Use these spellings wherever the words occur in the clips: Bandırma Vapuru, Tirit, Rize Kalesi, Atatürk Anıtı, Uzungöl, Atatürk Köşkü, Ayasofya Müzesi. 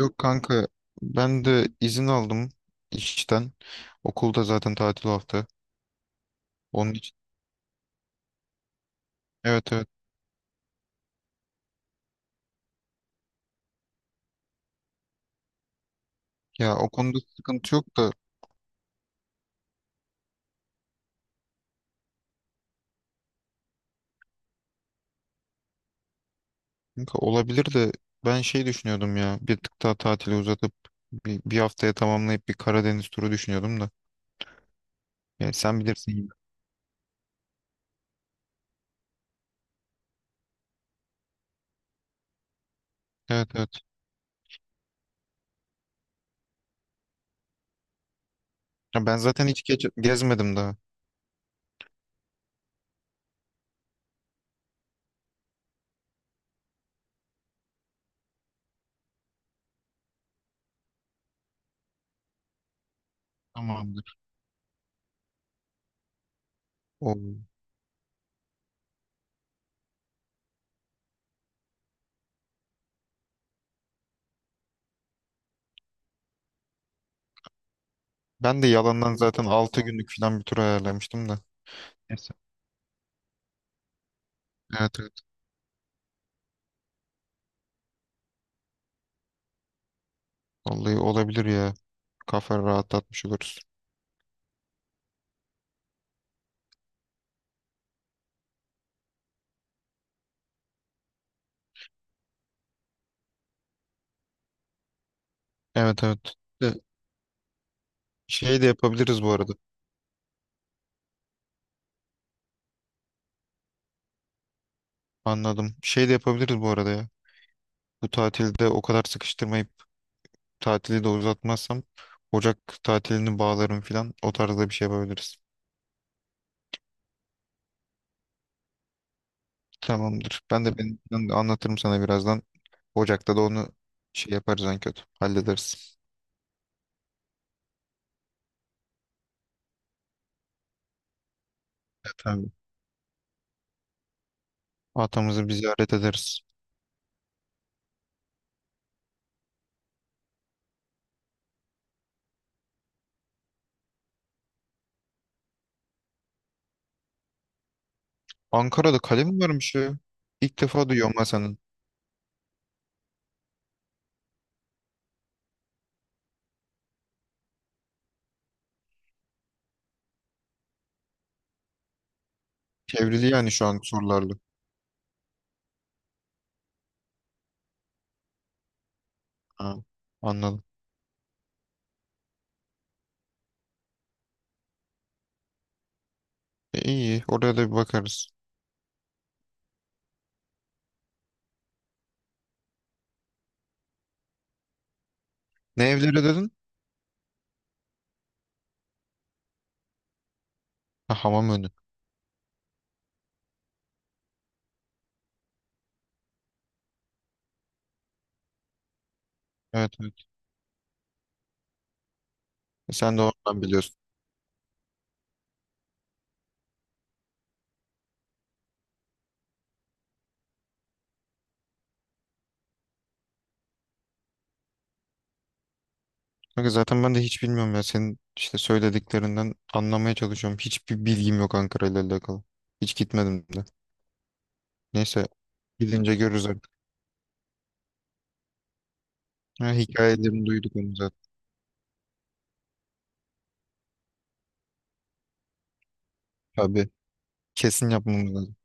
Yok kanka ben de izin aldım işten. Okulda zaten tatil hafta. Onun için evet evet. Ya o konuda sıkıntı yok da kanka olabilir de ben şey düşünüyordum ya bir tık daha tatili uzatıp bir haftaya tamamlayıp bir Karadeniz turu düşünüyordum da. Yani sen bilirsin yine. Evet evet. Ya ben zaten hiç gezmedim daha. Tamamdır. O, Ben de yalandan zaten 6 günlük falan bir tur ayarlamıştım da. Neyse. Evet evet. Vallahi olabilir ya. Kafa rahatlatmış oluruz. Evet evet. De, Şey de yapabiliriz bu arada. Anladım. Şey de yapabiliriz bu arada ya. Bu tatilde o kadar sıkıştırmayıp tatili de uzatmazsam Ocak tatilini bağlarım filan. O tarzda bir şey yapabiliriz. Tamamdır. Ben de benim planı anlatırım sana birazdan. Ocak'ta da onu şey yaparız en kötü. Hallederiz. Evet, tabii. Atamızı bir ziyaret ederiz. Ankara'da kale mi varmış ya? İlk defa duyuyorum ben senin. Çevrili yani şu an sorularla. Ha, anladım. E, iyi. Oraya da bir bakarız. Ne evleri dedin? Ha, hamam önü. Evet evet. E, sen de oradan biliyorsun. Kanka zaten ben de hiç bilmiyorum ya. Senin işte söylediklerinden anlamaya çalışıyorum. Hiçbir bilgim yok Ankara ile alakalı. Hiç gitmedim de. Neyse gidince görürüz artık. Ha, hikayelerini duyduk onu zaten. Tabii. Kesin yapmamız lazım.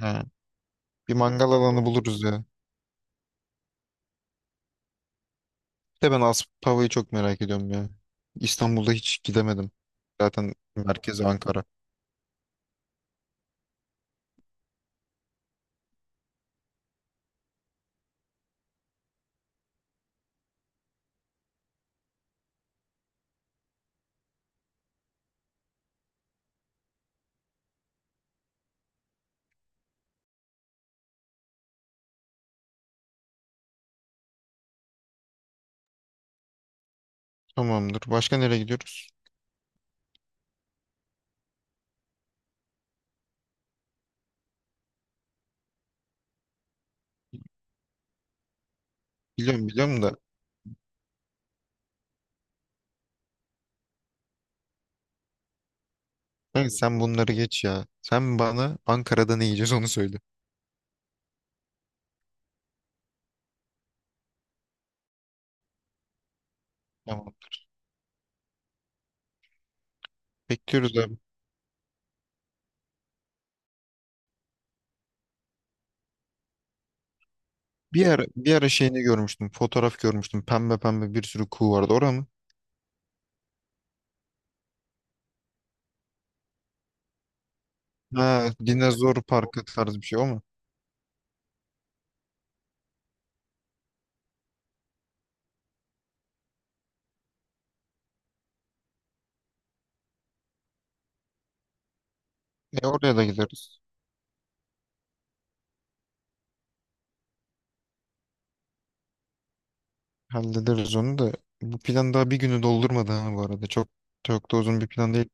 Ha, bir mangal alanı buluruz ya. Bir de ben Aspava'yı çok merak ediyorum ya. İstanbul'da hiç gidemedim. Zaten merkezi Ankara. Tamamdır. Başka nereye gidiyoruz? Biliyorum biliyorum da. Kanka sen bunları geç ya. Sen bana Ankara'da ne yiyeceğiz onu söyle. Tamam. Bekliyoruz abi. Bir ara şeyini görmüştüm. Fotoğraf görmüştüm. Pembe pembe bir sürü kuğu vardı. Orada mı? Ha, dinozor parkı tarzı bir şey o mu? E oraya da gideriz. Hallederiz onu da. Bu plan daha bir günü doldurmadı ha bu arada. Çok çok da uzun bir plan değil.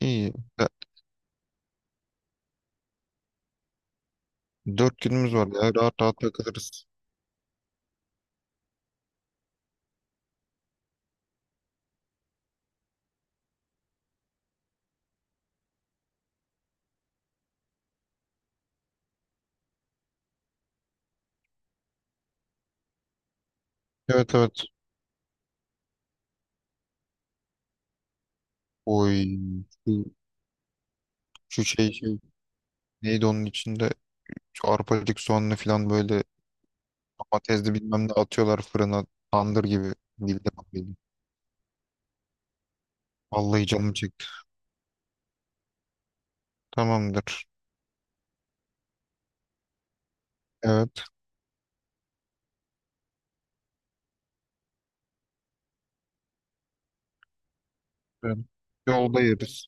İyi. Ya, 4 günümüz var ya. Rahat rahat takılırız. Evet evet. Oy. Şu, şu şey. Neydi onun içinde? Şu arpacık soğanlı falan böyle domatesli bilmem ne atıyorlar fırına. Tandır gibi. Bildim. Bildim. Vallahi canım çekti. Tamamdır. Evet. Ben- Yolda yeriz.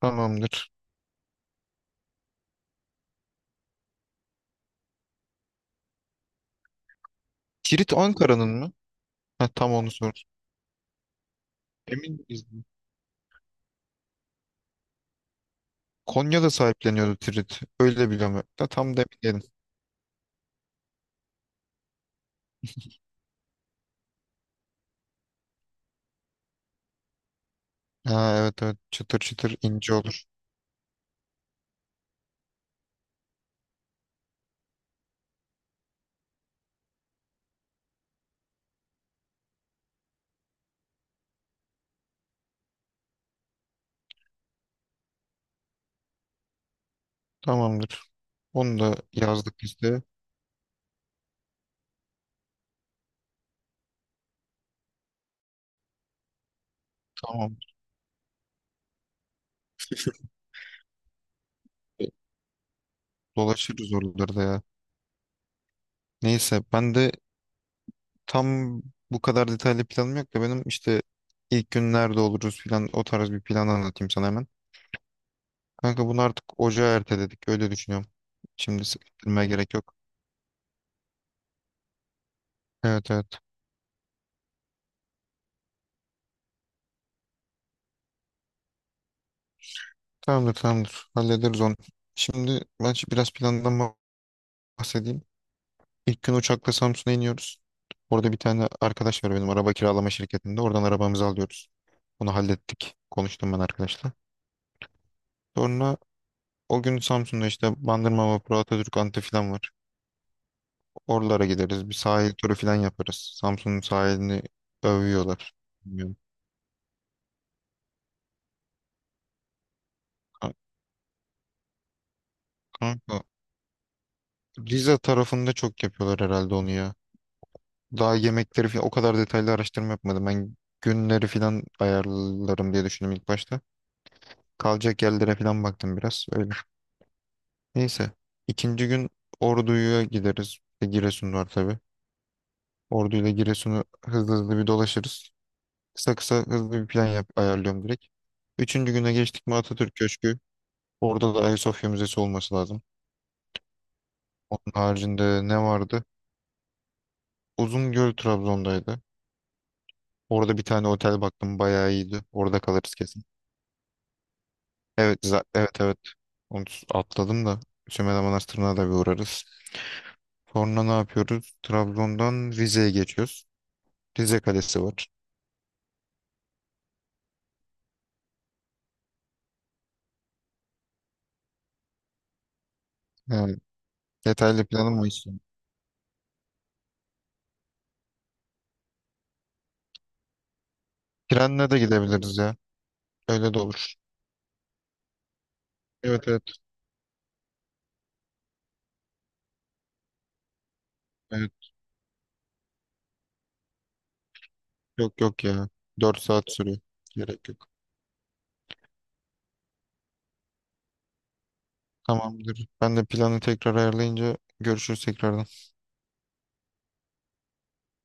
Tamamdır. Tirit Ankara'nın mı? Ha, tam onu sor. Emin miyiz? Konya'da sahipleniyordu Tirit. Öyle biliyorum. Da tam da emin değilim. Ha, evet evet. Çıtır çıtır ince olur. Tamamdır. Onu da yazdık listeye. Tamam. Dolaşırız oralarda ya. Neyse ben de tam bu kadar detaylı planım yok da benim işte ilk gün nerede oluruz filan o tarz bir plan anlatayım sana hemen. Kanka bunu artık ocağa erteledik. Öyle düşünüyorum. Şimdi sıkıştırmaya gerek yok. Evet evet. Tamamdır tamamdır. Hallederiz onu. Şimdi ben biraz plandan bahsedeyim. İlk gün uçakla Samsun'a iniyoruz. Orada bir tane arkadaş var benim araba kiralama şirketinde. Oradan arabamızı alıyoruz. Onu hallettik. Konuştum ben arkadaşla. Sonra o gün Samsun'da işte Bandırma Vapuru, Atatürk Anıtı falan var. Oralara gideriz. Bir sahil turu falan yaparız. Samsun'un sahilini övüyorlar. Bilmiyorum. Ka- Kanka Rize tarafında çok yapıyorlar herhalde onu ya. Daha yemekleri falan o kadar detaylı araştırma yapmadım. Ben günleri falan ayarlarım diye düşündüm ilk başta. Kalacak yerlere falan baktım biraz öyle. Neyse. İkinci gün Ordu'ya gideriz. Bir de Giresun var tabii. Ordu ile Giresun'u hızlı hızlı bir dolaşırız. Kısa kısa hızlı bir plan yap, ayarlıyorum direkt. Üçüncü güne geçtik mi Atatürk Köşkü. Orada da Ayasofya Müzesi olması lazım. Onun haricinde ne vardı? Uzungöl Trabzon'daydı. Orada bir tane otel baktım bayağı iyiydi. Orada kalırız kesin. Evet, evet evet. Onu atladım da Sümela Manastırı'na da bir uğrarız. Sonra ne yapıyoruz? Trabzon'dan Rize'ye geçiyoruz. Rize Kalesi var. Yani detaylı planım o işte. Trenle de gidebiliriz ya. Öyle de olur. Evet evet. Evet. Yok yok ya. 4 saat sürüyor. Gerek yok. Tamamdır. Ben de planı tekrar ayarlayınca görüşürüz tekrardan.